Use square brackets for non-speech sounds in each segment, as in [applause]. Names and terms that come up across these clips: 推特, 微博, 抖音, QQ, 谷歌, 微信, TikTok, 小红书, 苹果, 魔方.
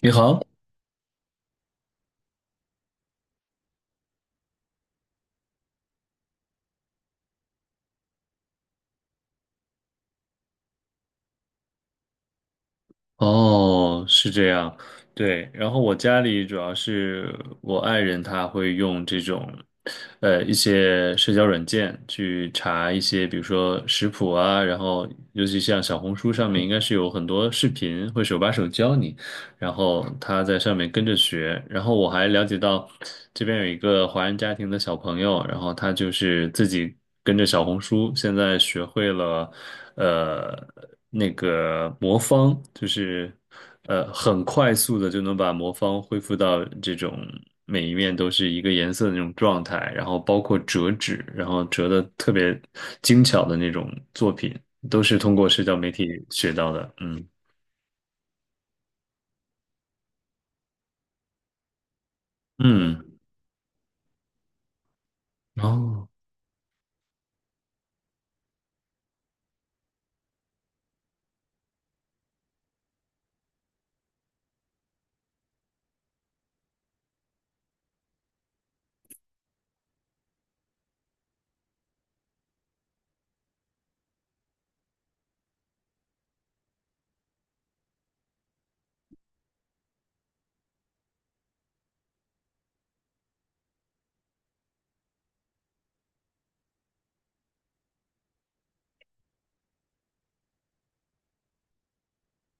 你好，哦，是这样，对。然后我家里主要是我爱人他会用这种，一些社交软件去查一些，比如说食谱啊，然后尤其像小红书上面应该是有很多视频会手把手教你。然后他在上面跟着学，然后我还了解到这边有一个华人家庭的小朋友，然后他就是自己跟着小红书，现在学会了呃那个魔方，就是很快速的就能把魔方恢复到这种每一面都是一个颜色的那种状态，然后包括折纸，然后折的特别精巧的那种作品，都是通过社交媒体学到的，嗯嗯。哦，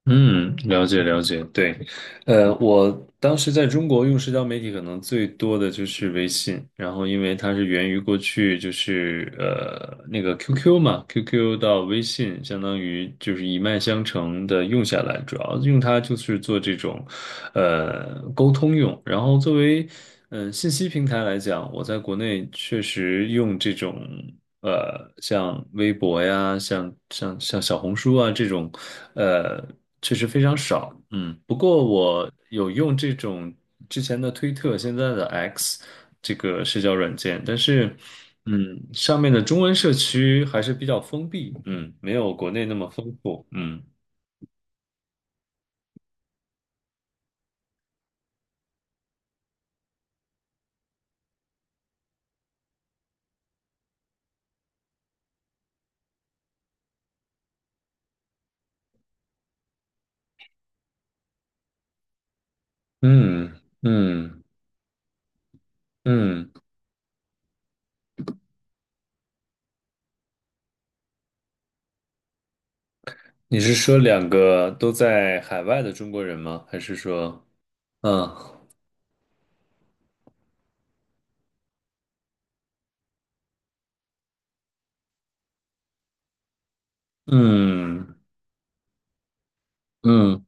嗯，了解了解，对，我当时在中国用社交媒体可能最多的就是微信，然后因为它是源于过去就是那个 QQ 嘛，QQ 到微信相当于就是一脉相承的用下来，主要用它就是做这种沟通用，然后作为信息平台来讲，我在国内确实用这种。像微博呀，像小红书啊这种，呃。确实非常少，嗯，不过我有用这种之前的推特，现在的 X 这个社交软件，但是，上面的中文社区还是比较封闭，没有国内那么丰富，嗯嗯嗯嗯，你是说两个都在海外的中国人吗？还是说，嗯嗯嗯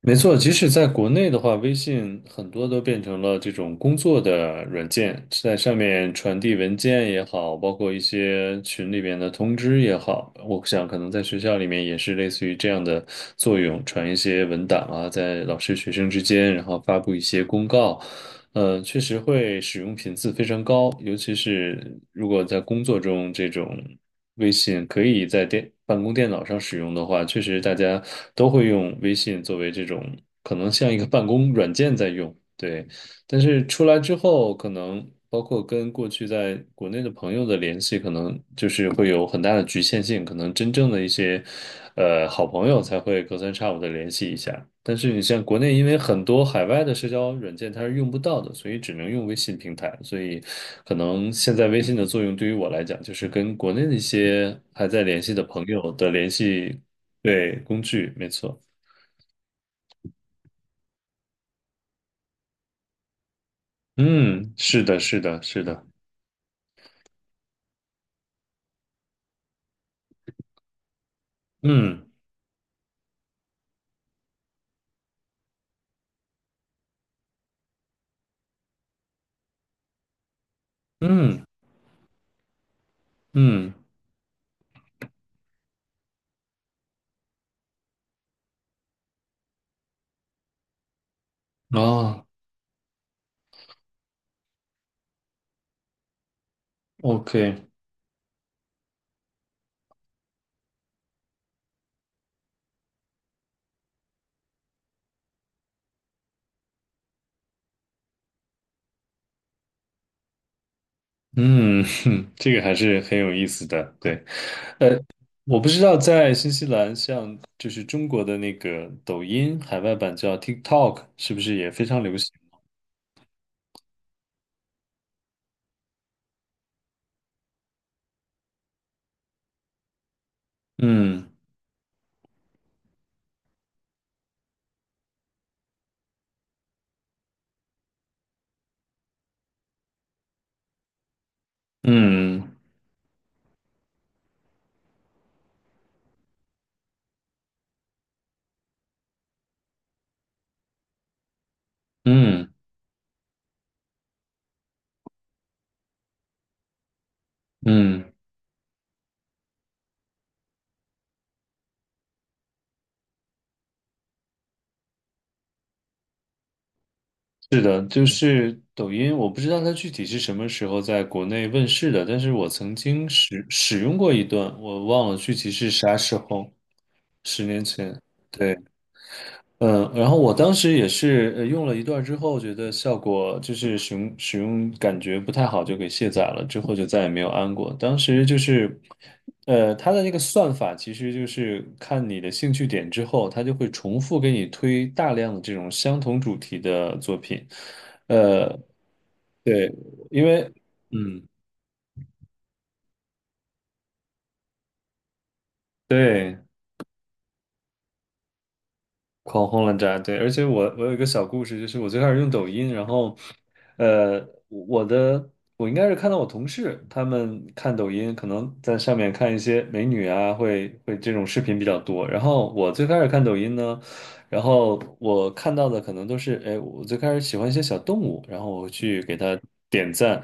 没错，即使在国内的话，微信很多都变成了这种工作的软件，在上面传递文件也好，包括一些群里面的通知也好，我想可能在学校里面也是类似于这样的作用，传一些文档啊，在老师学生之间，然后发布一些公告，确实会使用频次非常高，尤其是如果在工作中这种。微信可以在办公电脑上使用的话，确实大家都会用微信作为这种可能像一个办公软件在用。对。但是出来之后，可能包括跟过去在国内的朋友的联系，可能就是会有很大的局限性，可能真正的一些，好朋友才会隔三差五的联系一下。但是你像国内，因为很多海外的社交软件它是用不到的，所以只能用微信平台。所以，可能现在微信的作用对于我来讲，就是跟国内的一些还在联系的朋友的联系，对，工具，没错。嗯，是的，是的，是的，嗯嗯嗯。哦，OK，嗯，[laughs] 这个还是很有意思的。对，呃，我不知道在新西兰，像就是中国的那个抖音海外版叫 TikTok，是不是也非常流行？嗯嗯嗯嗯，是的，就是抖音，我不知道它具体是什么时候在国内问世的，但是我曾经使用过一段，我忘了具体是啥时候，10年前。对。嗯，然后我当时也是用了一段儿之后，觉得效果就是使用感觉不太好，就给卸载了，之后就再也没有安过。当时就是，它的那个算法其实就是看你的兴趣点之后，它就会重复给你推大量的这种相同主题的作品。呃，对，因为，嗯，对。狂轰滥炸，对，而且我有一个小故事，就是我最开始用抖音，然后，呃，我的我应该是看到我同事他们看抖音，可能在上面看一些美女啊，会这种视频比较多。然后我最开始看抖音呢，然后我看到的可能都是，哎，我最开始喜欢一些小动物，然后我去给它点赞，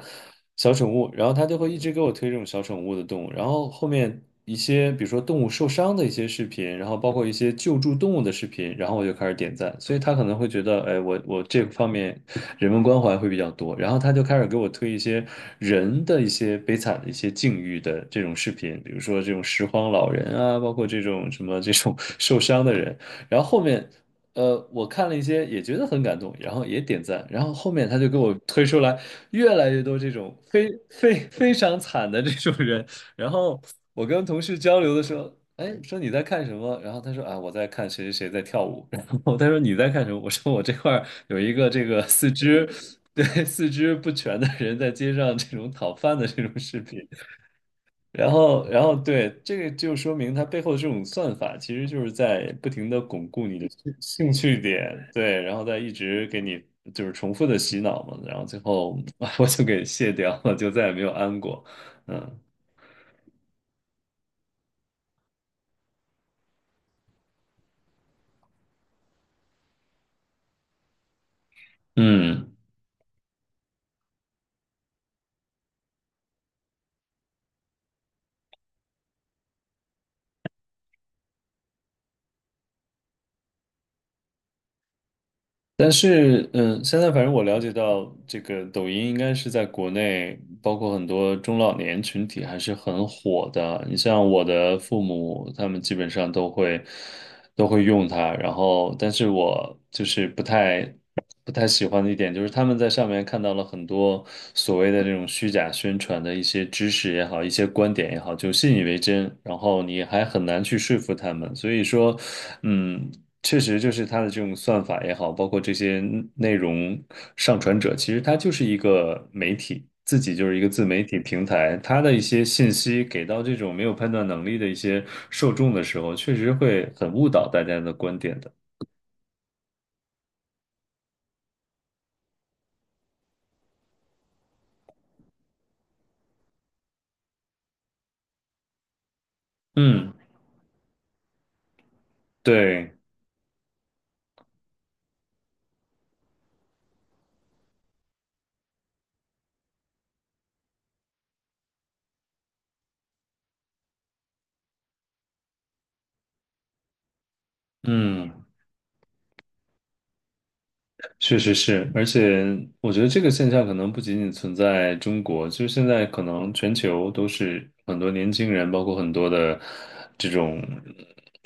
小宠物，然后它就会一直给我推这种小宠物的动物，然后后面一些比如说动物受伤的一些视频，然后包括一些救助动物的视频，然后我就开始点赞，所以他可能会觉得，哎，我这方面人文关怀会比较多，然后他就开始给我推一些人的一些悲惨的一些境遇的这种视频，比如说这种拾荒老人啊，包括这种什么这种 [laughs] 受伤的人。然后后面我看了一些，也觉得很感动，然后也点赞，然后后面他就给我推出来越来越多这种非常惨的这种人，然后我跟同事交流的时候，哎，说你在看什么？然后他说啊，我在看谁谁谁在跳舞，[laughs] 然后他说你在看什么？我说我这块儿有一个这个四肢对四肢不全的人在街上这种讨饭的这种视频，然后，然后对，这个就说明它背后的这种算法，其实就是在不停的巩固你的兴趣点，对，然后再一直给你就是重复的洗脑嘛，然后最后 [laughs] 我就给卸掉了，就再也没有安过，嗯嗯。但是，嗯，现在反正我了解到，这个抖音应该是在国内，包括很多中老年群体还是很火的。你像我的父母，他们基本上都会用它。然后，但是我就是不太喜欢的一点，就是他们在上面看到了很多所谓的这种虚假宣传的一些知识也好，一些观点也好，就信以为真，然后你还很难去说服他们。所以说，嗯。确实就是它的这种算法也好，包括这些内容上传者，其实它就是一个媒体，自己就是一个自媒体平台，它的一些信息给到这种没有判断能力的一些受众的时候，确实会很误导大家的观点的。嗯，对，嗯。确实是，而且我觉得这个现象可能不仅仅存在中国，就是现在可能全球都是很多年轻人，包括很多的这种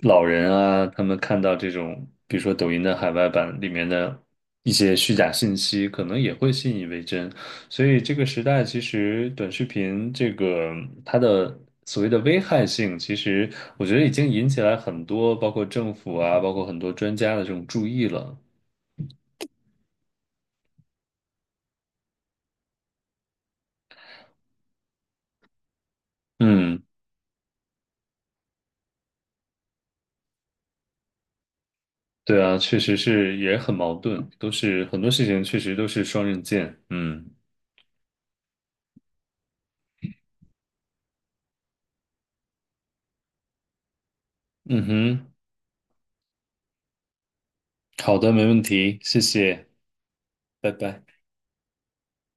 老人啊，他们看到这种，比如说抖音的海外版里面的一些虚假信息，可能也会信以为真。所以这个时代其实短视频这个它的所谓的危害性，其实我觉得已经引起来很多，包括政府啊，包括很多专家的这种注意了。嗯。对啊，确实是也很矛盾，都是很多事情确实都是双刃剑。嗯嗯哼，好的，没问题，谢谢，拜拜。